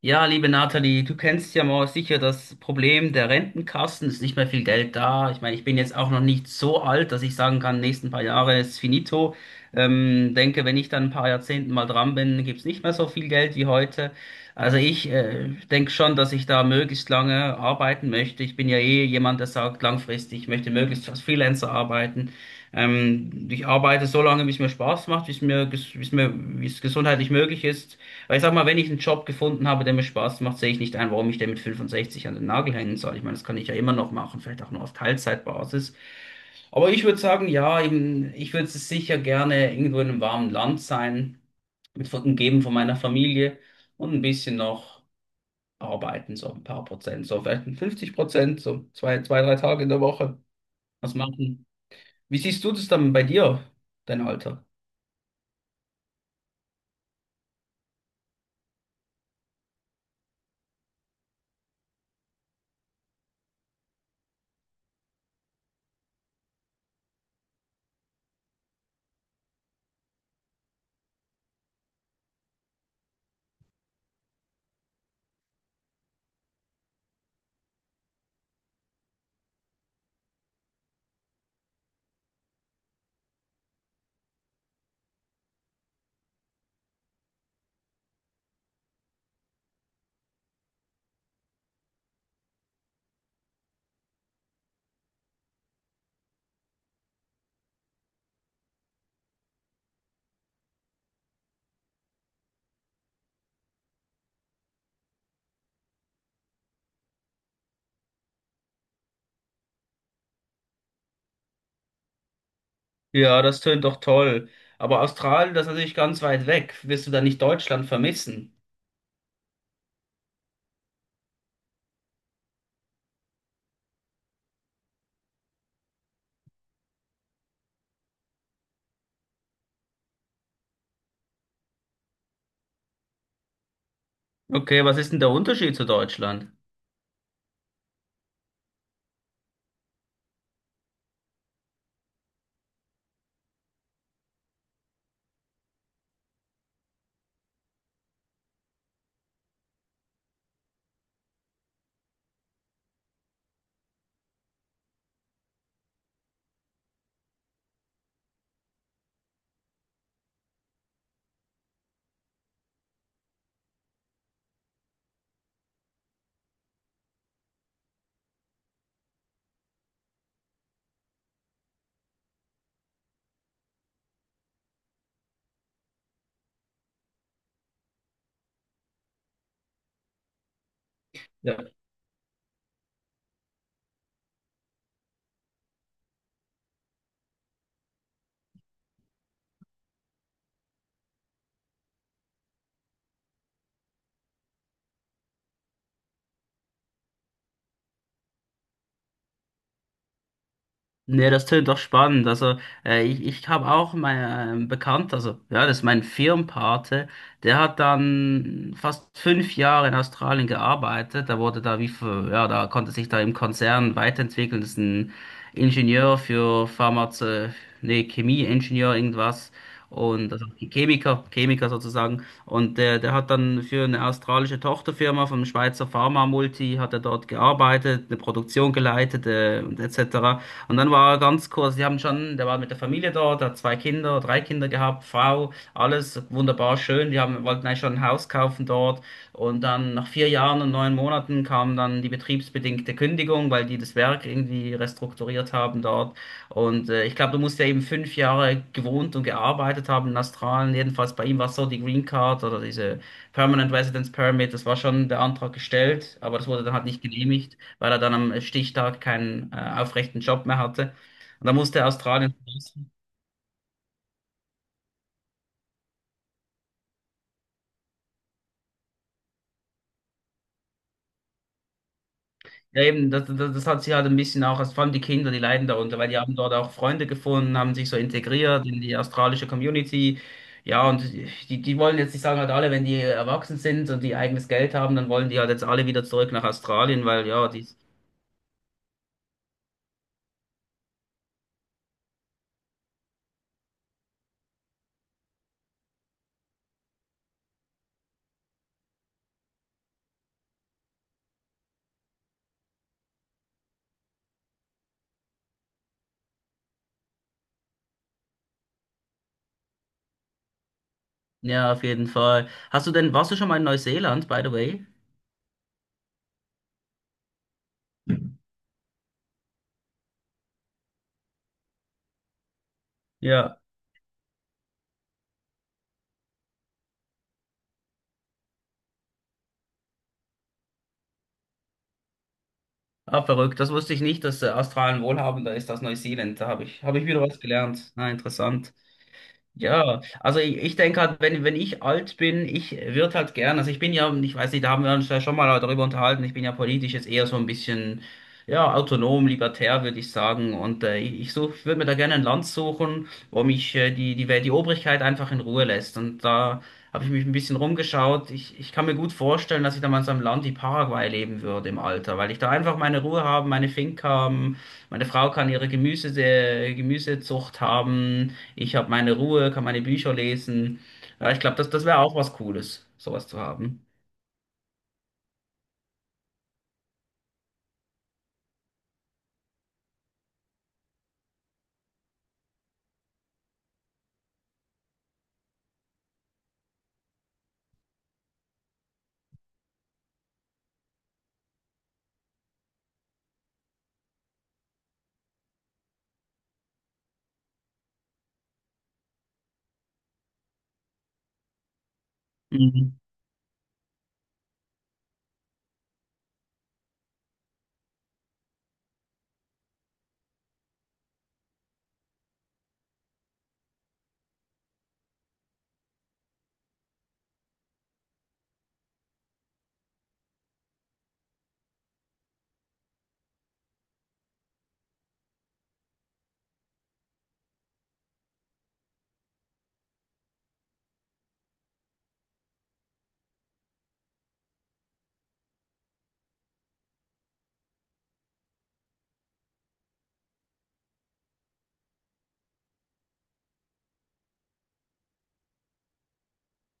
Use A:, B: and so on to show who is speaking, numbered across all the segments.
A: Ja, liebe Nathalie, du kennst ja mal sicher das Problem der Rentenkassen. Es ist nicht mehr viel Geld da. Ich meine, ich bin jetzt auch noch nicht so alt, dass ich sagen kann, nächsten paar Jahre ist finito. Denke, wenn ich dann ein paar Jahrzehnten mal dran bin, gibt's nicht mehr so viel Geld wie heute. Also ich denke schon, dass ich da möglichst lange arbeiten möchte. Ich bin ja eh jemand, der sagt, langfristig, ich möchte möglichst als Freelancer arbeiten. Ich arbeite so lange, wie es mir Spaß macht, wie es mir, ges- wie es mir, wie es gesundheitlich möglich ist. Weil ich sag mal, wenn ich einen Job gefunden habe, der mir Spaß macht, sehe ich nicht ein, warum ich den mit 65 an den Nagel hängen soll. Ich meine, das kann ich ja immer noch machen, vielleicht auch nur auf Teilzeitbasis. Aber ich würde sagen, ja, eben, ich würde sicher gerne irgendwo in einem warmen Land sein, umgeben von meiner Familie und ein bisschen noch arbeiten, so ein paar Prozent, so vielleicht ein 50%, so zwei, drei Tage in der Woche was machen. Wie siehst du das dann bei dir, dein Alter? Ja, das tönt doch toll. Aber Australien, das ist natürlich ganz weit weg. Wirst du da nicht Deutschland vermissen? Okay, was ist denn der Unterschied zu Deutschland? Nee, das tönt doch spannend. Also, ich habe auch mein also ja, das ist mein Firmenpate, der hat dann fast 5 Jahre in Australien gearbeitet. Der wurde da wie für, ja, da konnte sich da im Konzern weiterentwickeln. Das ist ein Ingenieur für Pharmaze, nee, Chemieingenieur, irgendwas. Und also Chemiker sozusagen. Und der hat dann für eine australische Tochterfirma vom Schweizer Pharma-Multi, hat er dort gearbeitet, eine Produktion geleitet, und etc. Und dann war er ganz kurz, die haben schon, der war mit der Familie dort, hat drei Kinder gehabt, Frau, alles wunderbar schön. Die haben, wollten eigentlich schon ein Haus kaufen dort. Und dann nach 4 Jahren und 9 Monaten kam dann die betriebsbedingte Kündigung, weil die das Werk irgendwie restrukturiert haben dort. Und ich glaube, du musst ja eben 5 Jahre gewohnt und gearbeitet haben in Australien. Jedenfalls bei ihm war es so, die Green Card oder diese Permanent Residence Permit, das war schon der Antrag gestellt, aber das wurde dann halt nicht genehmigt, weil er dann am Stichtag keinen aufrechten Job mehr hatte. Und da musste Australien verlassen. Ja, eben, das hat sie halt ein bisschen auch, also vor allem die Kinder, die leiden darunter, weil die haben dort auch Freunde gefunden, haben sich so integriert in die australische Community. Ja, und die wollen jetzt, ich sage halt alle, wenn die erwachsen sind und die eigenes Geld haben, dann wollen die halt jetzt alle wieder zurück nach Australien, weil ja, die, ja, auf jeden Fall. Hast du denn, warst du schon mal in Neuseeland, by the way? Ja. Ah, verrückt. Das wusste ich nicht, dass Australien wohlhabender ist als Neuseeland. Da habe ich wieder was gelernt. Na, interessant. Ja, also ich denke halt, wenn ich alt bin, ich würde halt gern, also ich bin ja, ich weiß nicht, da haben wir uns ja schon mal darüber unterhalten, ich bin ja politisch jetzt eher so ein bisschen, ja, autonom, libertär, würde ich sagen. Und ich würde mir da gerne ein Land suchen, wo mich die Obrigkeit einfach in Ruhe lässt. Und da habe ich mich ein bisschen rumgeschaut. Ich kann mir gut vorstellen, dass ich da mal in so einem Land wie Paraguay leben würde im Alter, weil ich da einfach meine Ruhe haben, meine Finca haben, meine Frau kann ihre Gemüsezucht haben. Ich habe meine Ruhe, kann meine Bücher lesen. Ja, ich glaube, das wäre auch was Cooles, sowas zu haben. Mhm.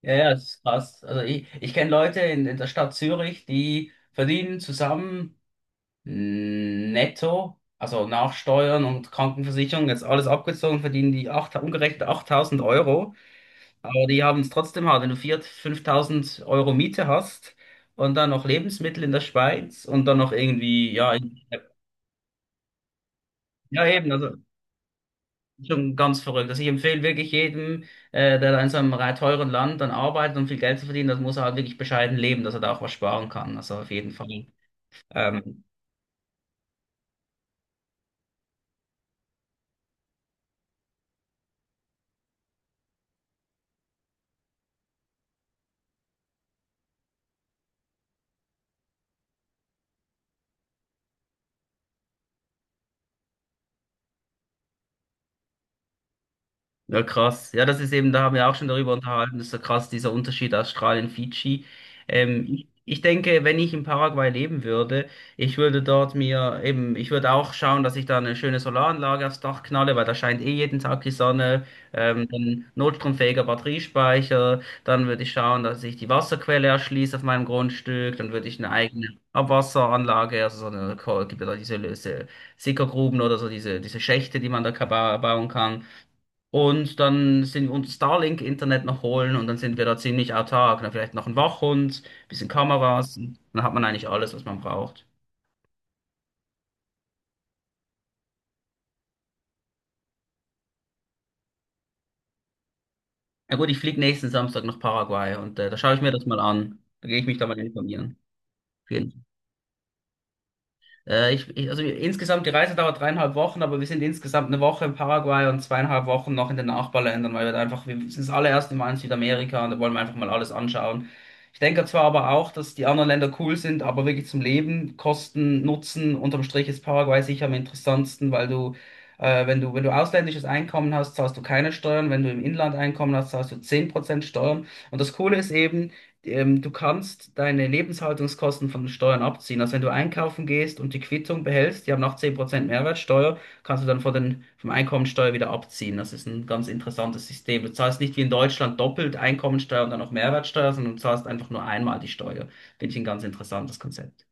A: Ja, ja, das ist krass. Also ich kenne Leute in der Stadt Zürich, die verdienen zusammen netto, also nach Steuern und Krankenversicherung, jetzt alles abgezogen, verdienen die acht, umgerechnet 8.000 Euro. Aber die haben es trotzdem hart, wenn du 4.000, 5.000 Euro Miete hast und dann noch Lebensmittel in der Schweiz und dann noch irgendwie, ja, ja eben, also schon ganz verrückt. Also ich empfehle wirklich jedem, der da in so einem teuren Land dann arbeitet und viel Geld zu verdienen, das muss er halt wirklich bescheiden leben, dass er da auch was sparen kann. Also auf jeden Fall. Ähm, Ja, krass. Ja, das ist eben, da haben wir auch schon darüber unterhalten, das ist so krass, dieser Unterschied Australien, Fidschi. Ich denke, wenn ich in Paraguay leben würde, ich würde dort mir eben, ich würde auch schauen, dass ich da eine schöne Solaranlage aufs Dach knalle, weil da scheint eh jeden Tag die Sonne, dann notstromfähiger Batteriespeicher, dann würde ich schauen, dass ich die Wasserquelle erschließe auf meinem Grundstück, dann würde ich eine eigene Abwasseranlage, also so eine, gibt ja da diese Sickergruben oder so diese Schächte, die man da bauen kann. Und dann sind wir uns Starlink-Internet noch holen und dann sind wir da ziemlich autark. Dann vielleicht noch ein Wachhund, bisschen Kameras. Und dann hat man eigentlich alles, was man braucht. Na gut, ich fliege nächsten Samstag nach Paraguay und da schaue ich mir das mal an. Da gehe ich mich da mal informieren. Auf jeden ich, ich, also insgesamt, die Reise dauert dreieinhalb Wochen, aber wir sind insgesamt eine Woche in Paraguay und zweieinhalb Wochen noch in den Nachbarländern, weil wir da einfach, wir sind das allererste Mal in Südamerika und da wollen wir einfach mal alles anschauen. Ich denke zwar aber auch, dass die anderen Länder cool sind, aber wirklich zum Leben, Kosten, Nutzen, unterm Strich ist Paraguay sicher am interessantesten, weil du, wenn du ausländisches Einkommen hast, zahlst du keine Steuern, wenn du im Inland Einkommen hast, zahlst du 10% Steuern. Und das Coole ist eben, du kannst deine Lebenshaltungskosten von den Steuern abziehen. Also wenn du einkaufen gehst und die Quittung behältst, die haben noch 10% Mehrwertsteuer, kannst du dann von vom Einkommensteuer wieder abziehen. Das ist ein ganz interessantes System. Du zahlst nicht wie in Deutschland doppelt Einkommensteuer und dann noch Mehrwertsteuer, sondern du zahlst einfach nur einmal die Steuer. Finde ich ein ganz interessantes Konzept.